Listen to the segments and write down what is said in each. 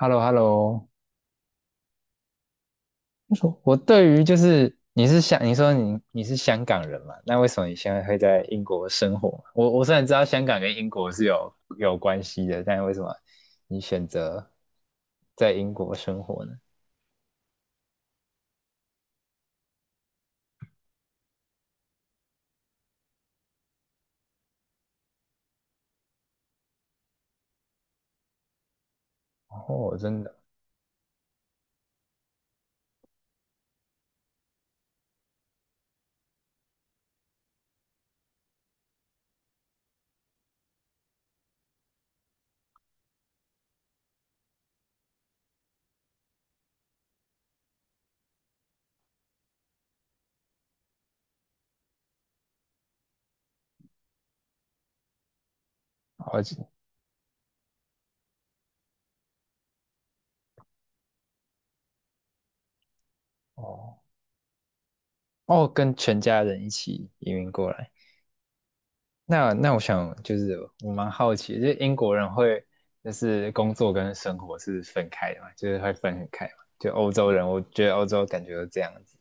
h e l l o h e l l o 我对于你说你是香港人嘛？那为什么你现在会在英国生活？我虽然知道香港跟英国是有关系的，但为什么你选择在英国生活呢？哦，真的，而且哦。哦，跟全家人一起移民过来。那我想就是我蛮好奇的，就是英国人会就是工作跟生活是分开的嘛？就是会分很开嘛？就欧洲人，我觉得欧洲感觉都这样子。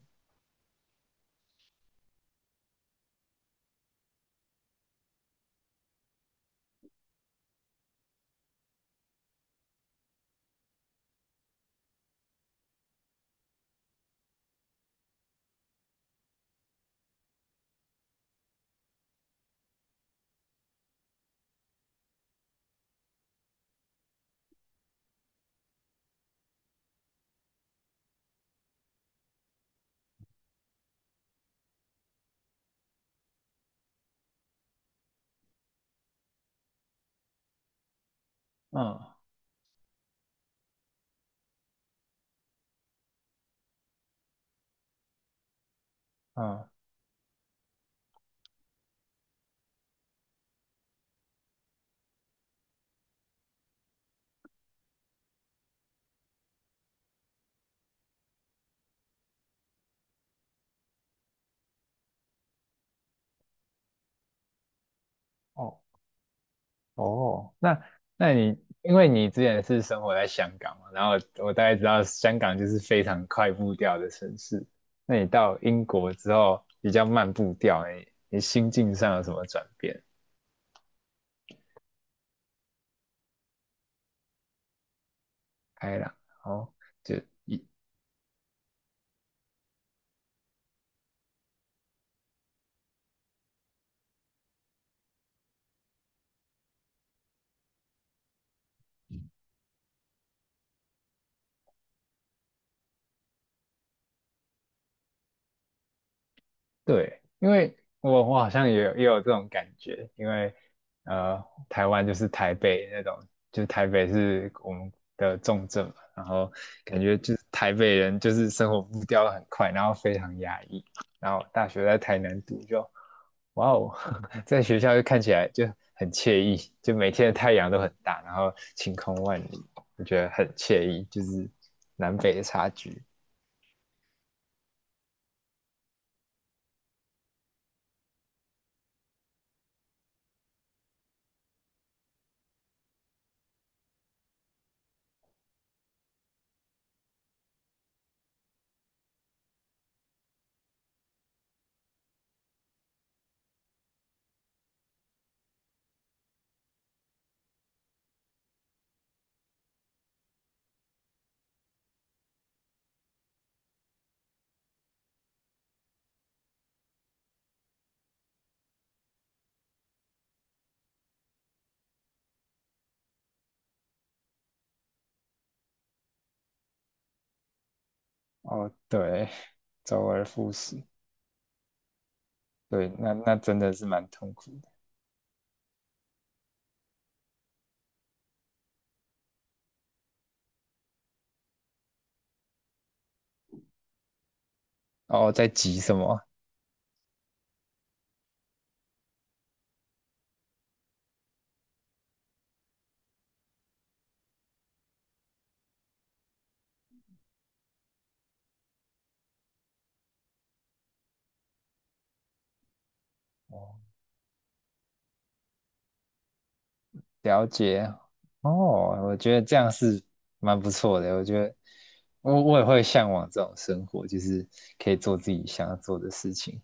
嗯嗯。哦哦，那因为你之前是生活在香港嘛，然后我大概知道香港就是非常快步调的城市，那你到英国之后比较慢步调，你心境上有什么转变？开朗，哦，就一。对，因为我好像也有这种感觉，因为呃，台湾就是台北那种，就是台北是我们的重镇嘛，然后感觉就是台北人就是生活步调很快，然后非常压抑，然后大学在台南读就，哇哦，在学校就看起来就很惬意，就每天的太阳都很大，然后晴空万里，我觉得很惬意，就是南北的差距。哦，对，周而复始。对，那那真的是蛮痛苦的。哦，在急什么啊？哦，了解。哦，我觉得这样是蛮不错的。我觉得我也会向往这种生活，就是可以做自己想要做的事情。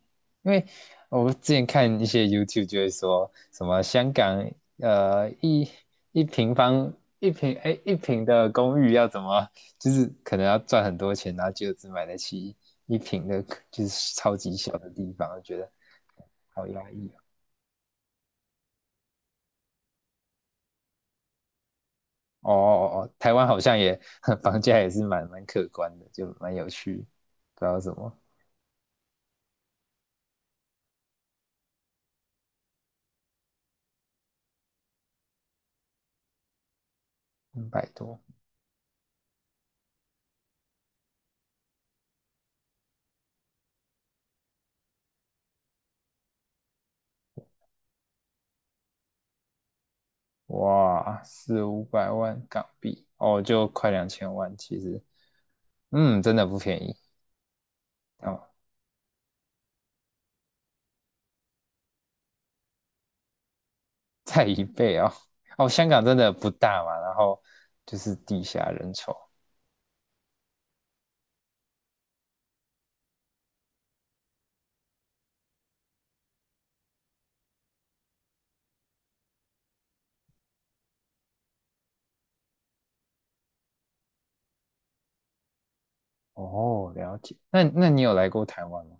因为我之前看一些 YouTube 就会说什么香港呃一一平方一平的公寓要怎么，就是可能要赚很多钱，然后就只买得起一平的，就是超级小的地方，我觉得好压抑。哦哦哦，台湾好像也 房价也是蛮可观的，就蛮有趣，不知道什么三百多。哇，四五百万港币，哦，就快两千万，其实，嗯，真的不便宜。哦，再一倍哦，哦，香港真的不大嘛，然后就是地下人稠。哦，了解，那你有来过台湾吗？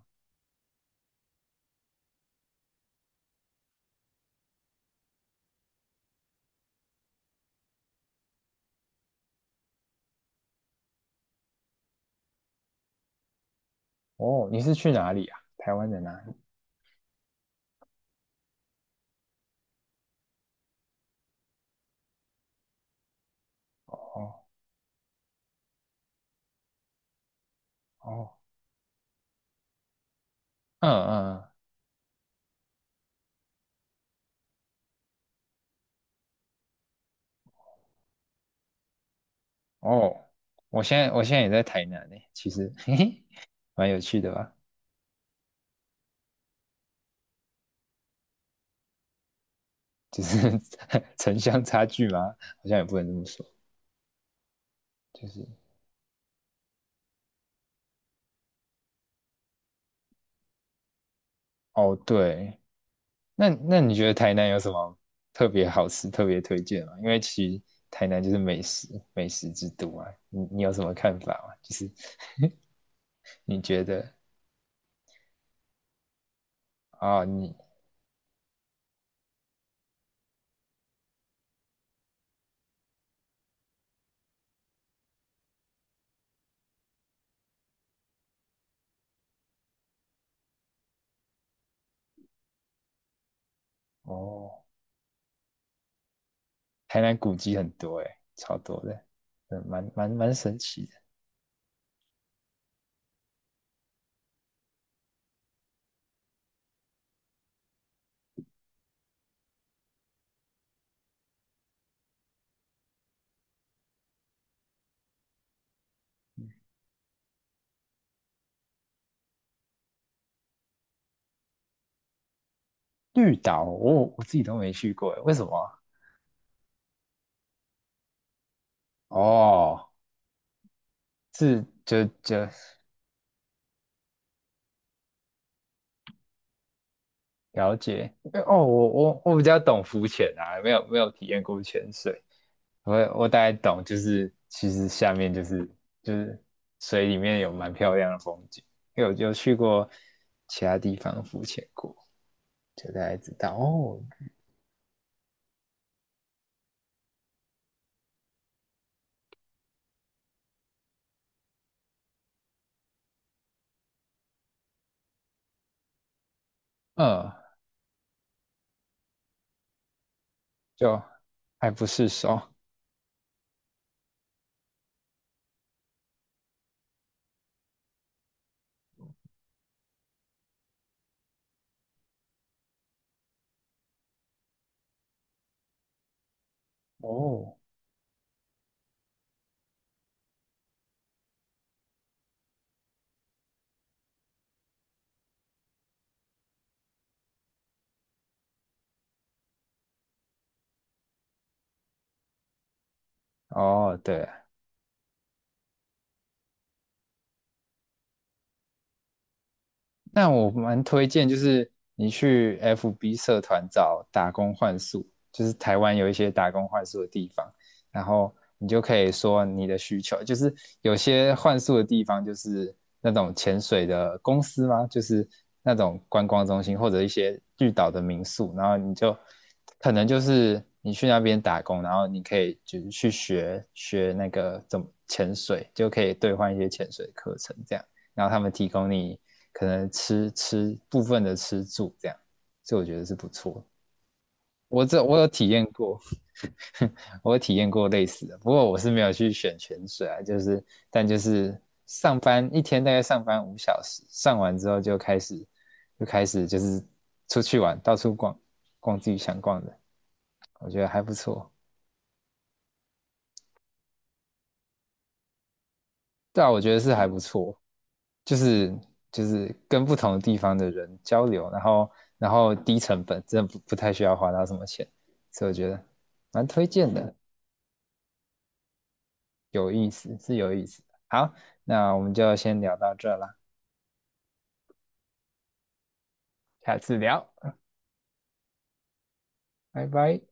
哦，你是去哪里啊？台湾的哪里？哦哦，嗯嗯，嗯。哦，我现在也在台南呢，其实，嘿嘿。蛮有趣的吧？就是 城乡差距嘛，好像也不能这么说。就是哦，对，那你觉得台南有什么特别好吃、特别推荐吗？因为其实台南就是美食之都啊，你有什么看法吗？就是你觉得啊、你哦，台南古迹很多诶，超多的，嗯，蛮神奇的。绿岛，我自己都没去过诶，为什么啊。哦，是就就了解。哦，我比较懂浮潜啊，没有体验过潜水，我我大概懂，就是其实下面就是水里面有蛮漂亮的风景，因为我就去过其他地方浮潜过，就大概知道哦，嗯，就爱不释手。哦哦，对啊，那我蛮推荐，就是你去 FB 社团找打工换宿，就是台湾有一些打工换宿的地方，然后你就可以说你的需求，就是有些换宿的地方就是那种潜水的公司吗？就是那种观光中心或者一些绿岛的民宿，然后你就可能就是你去那边打工，然后你可以就是去学那个怎么潜水，就可以兑换一些潜水课程这样。然后他们提供你可能部分的吃住这样，所以我觉得是不错。我有体验过，我有体验过类似的，不过我是没有去选泉水啊，就是但就是上班一天大概上班五小时，上完之后就开始就是出去玩，到处逛自己想逛的，我觉得还不错。对啊，我觉得是还不错，就是就是跟不同地方的人交流，然后低成本，真的不太需要花到什么钱，所以我觉得蛮推荐的，有意思，是有意思的。好，那我们就先聊到这啦，下次聊，拜拜。